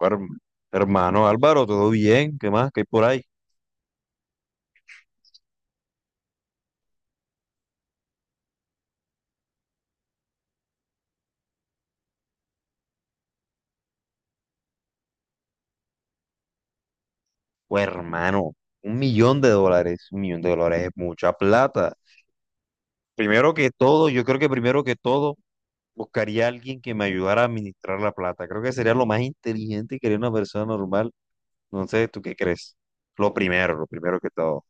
Her- Hermano Álvaro, ¿todo bien? ¿Qué más? ¿Qué hay por ahí? Pues hermano, $1 millón, $1 millón es mucha plata. Primero que todo, yo creo que primero que todo buscaría a alguien que me ayudara a administrar la plata. Creo que sería lo más inteligente que haría una persona normal. No sé, ¿tú qué crees? Lo primero que todo.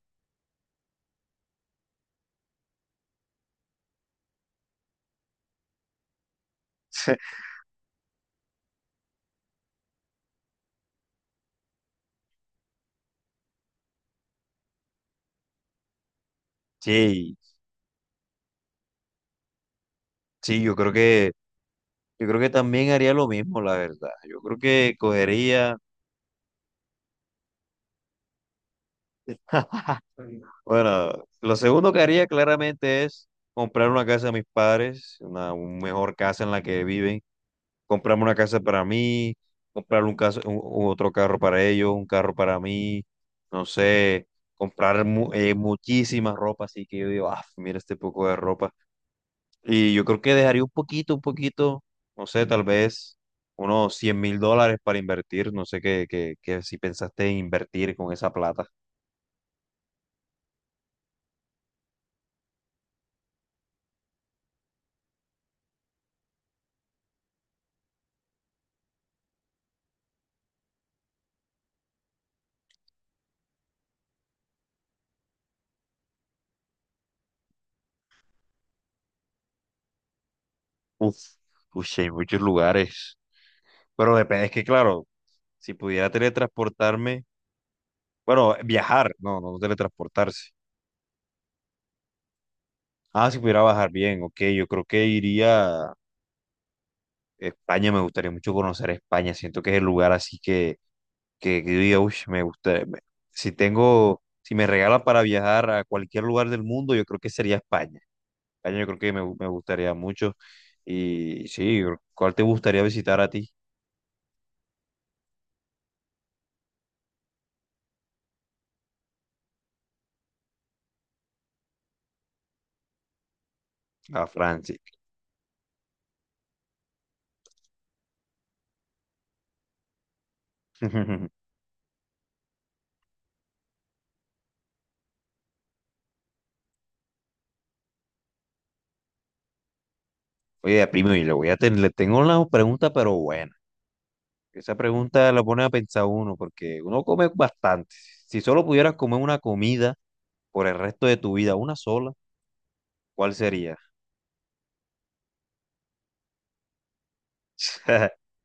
Sí, sí, yo creo que también haría lo mismo, la verdad. Yo creo que cogería. Bueno, lo segundo que haría claramente es comprar una casa a mis padres, una un mejor casa en la que viven, comprarme una casa para mí, comprar un otro carro para ellos, un carro para mí, no sé, comprar muchísima ropa, así que yo digo, ah, mira este poco de ropa. Y yo creo que dejaría un poquito, no sé, tal vez unos $100.000 para invertir, no sé qué si pensaste en invertir con esa plata. Uf, uy, sí, hay muchos lugares. Pero depende, es que claro, si pudiera teletransportarme, bueno, viajar, no, no teletransportarse. Ah, si pudiera bajar bien, ok, yo creo que iría a España, me gustaría mucho conocer España, siento que es el lugar así que yo diga, "Ush, me gusta, si me regalan para viajar a cualquier lugar del mundo, yo creo que sería España. España yo creo que me gustaría mucho. Y sí, ¿cuál te gustaría visitar a ti? A Francia. Oye, primo, y le voy a tener, le tengo una pregunta, pero bueno. Esa pregunta la pone a pensar uno, porque uno come bastante. Si solo pudieras comer una comida por el resto de tu vida, una sola, ¿cuál sería?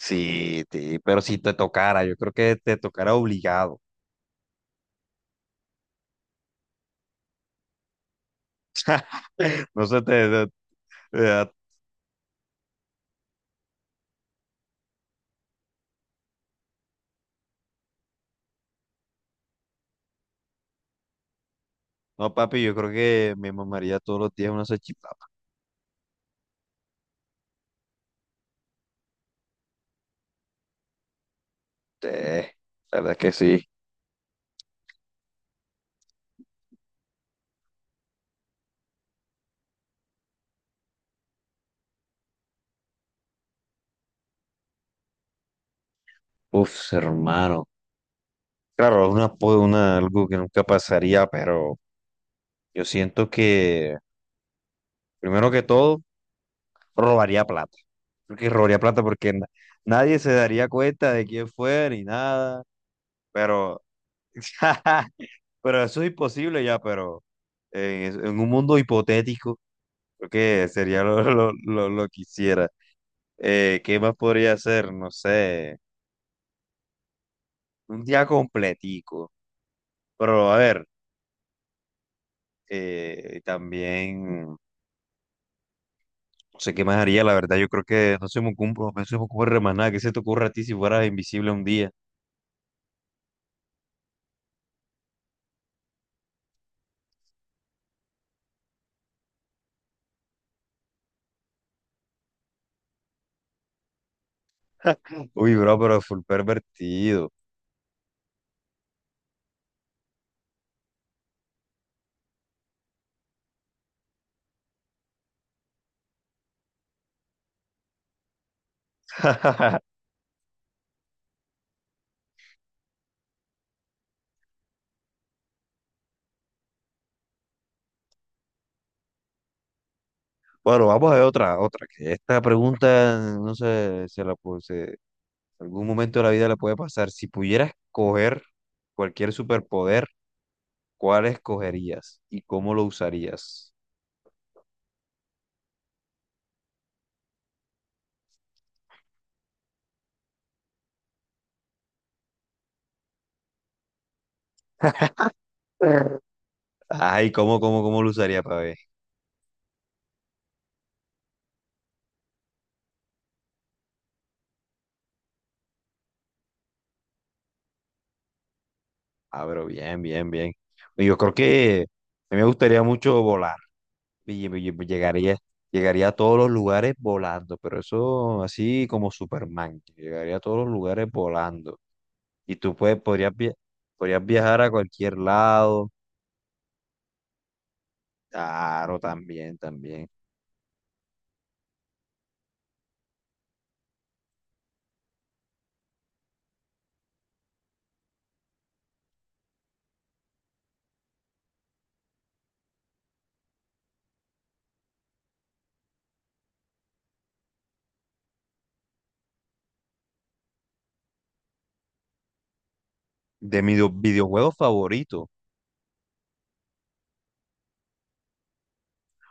Sí, sí, pero si te tocara, yo creo que te tocara obligado. No sé, eh, no, papi, yo creo que me mamaría todos los días una salchipapa. Eh, la verdad que sí. Uf, hermano. Claro, algo que nunca pasaría, pero yo siento que, primero que todo, robaría plata. Porque robaría plata porque nadie se daría cuenta de quién fue ni nada. Pero, pero eso es imposible ya, pero en un mundo hipotético, creo que sería lo que hiciera. ¿Qué más podría hacer? No sé, un día completico. Pero a ver, también, no sé qué más haría, la verdad, yo creo que no se me ocurre, no se me ocurre más nada. ¿Qué se te ocurre a ti si fueras invisible un día? Uy, bro, pero full pervertido. Bueno, vamos a ver que esta pregunta, no sé, se la pu- se- en algún momento de la vida la puede pasar. Si pudieras coger cualquier superpoder, ¿cuál escogerías y cómo lo usarías? Ay, ¿¿cómo lo usaría para ver? Ah, pero bien, bien, bien. Yo creo que a mí me gustaría mucho volar. Y pues, llegaría a todos los lugares volando, pero eso así como Superman, que llegaría a todos los lugares volando. Y tú podrías viajar a cualquier lado. Claro, también, también. De mi videojuego favorito.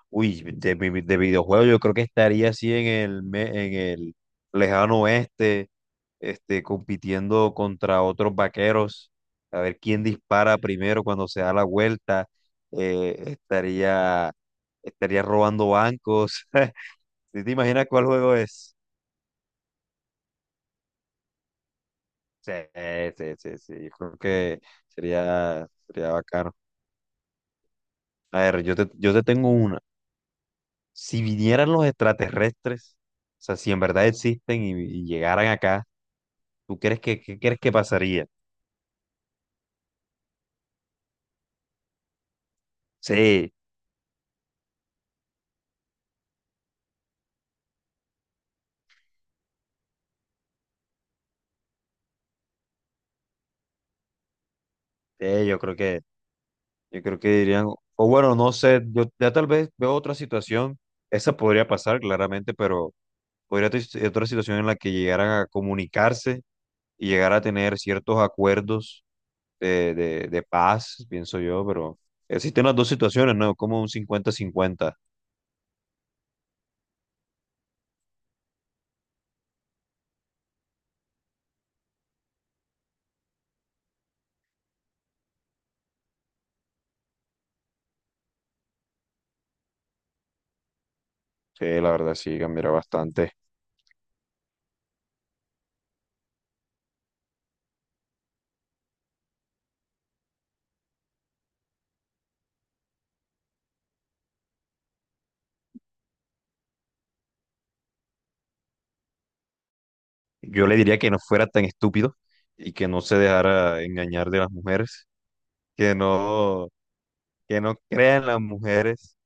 Uy, de videojuegos yo creo que estaría así en el lejano oeste, este, compitiendo contra otros vaqueros, a ver quién dispara primero cuando se da la vuelta, eh, estaría, estaría robando bancos. ¿Sí te imaginas cuál juego es? Sí, sí, sí, sí, yo creo que sería bacano. A ver, yo te tengo una. Si vinieran los extraterrestres, o sea, si en verdad existen y llegaran acá. ¿Tú crees que qué crees que pasaría? Sí, sí, yo creo que dirían, o bueno, no sé, yo ya tal vez veo otra situación, esa podría pasar claramente, pero podría ser otra situación en la que llegaran a comunicarse y llegar a tener ciertos acuerdos de paz, pienso yo, pero existen las dos situaciones, ¿no? Como un 50/50. Sí, la verdad sí, cambiará bastante. Yo le diría que no fuera tan estúpido y que no se dejara engañar de las mujeres, que no que no crean las mujeres,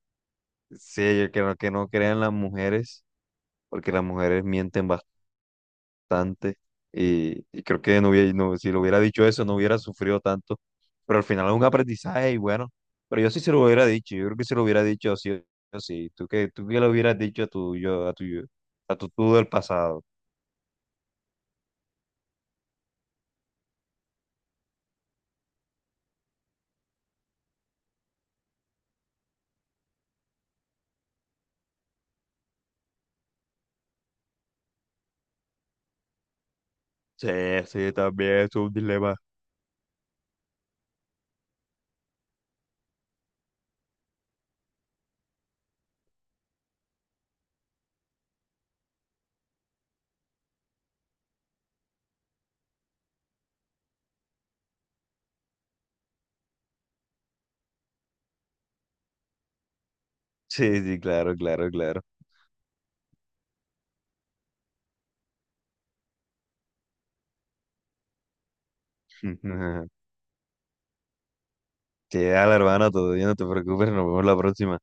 sí, que no crean las mujeres, porque las mujeres mienten bastante y creo que no hubiera, no, si lo hubiera dicho eso no hubiera sufrido tanto, pero al final es un aprendizaje y bueno, pero yo sí se lo hubiera dicho, yo creo que se lo hubiera dicho sí o sí, tú que lo hubieras dicho a tu yo, a tu tú del pasado. Sí, sí, también es un dilema. Sí, sí, claro, claro, claro. Sí, dale, hermano, todo bien, no te preocupes, nos vemos la próxima.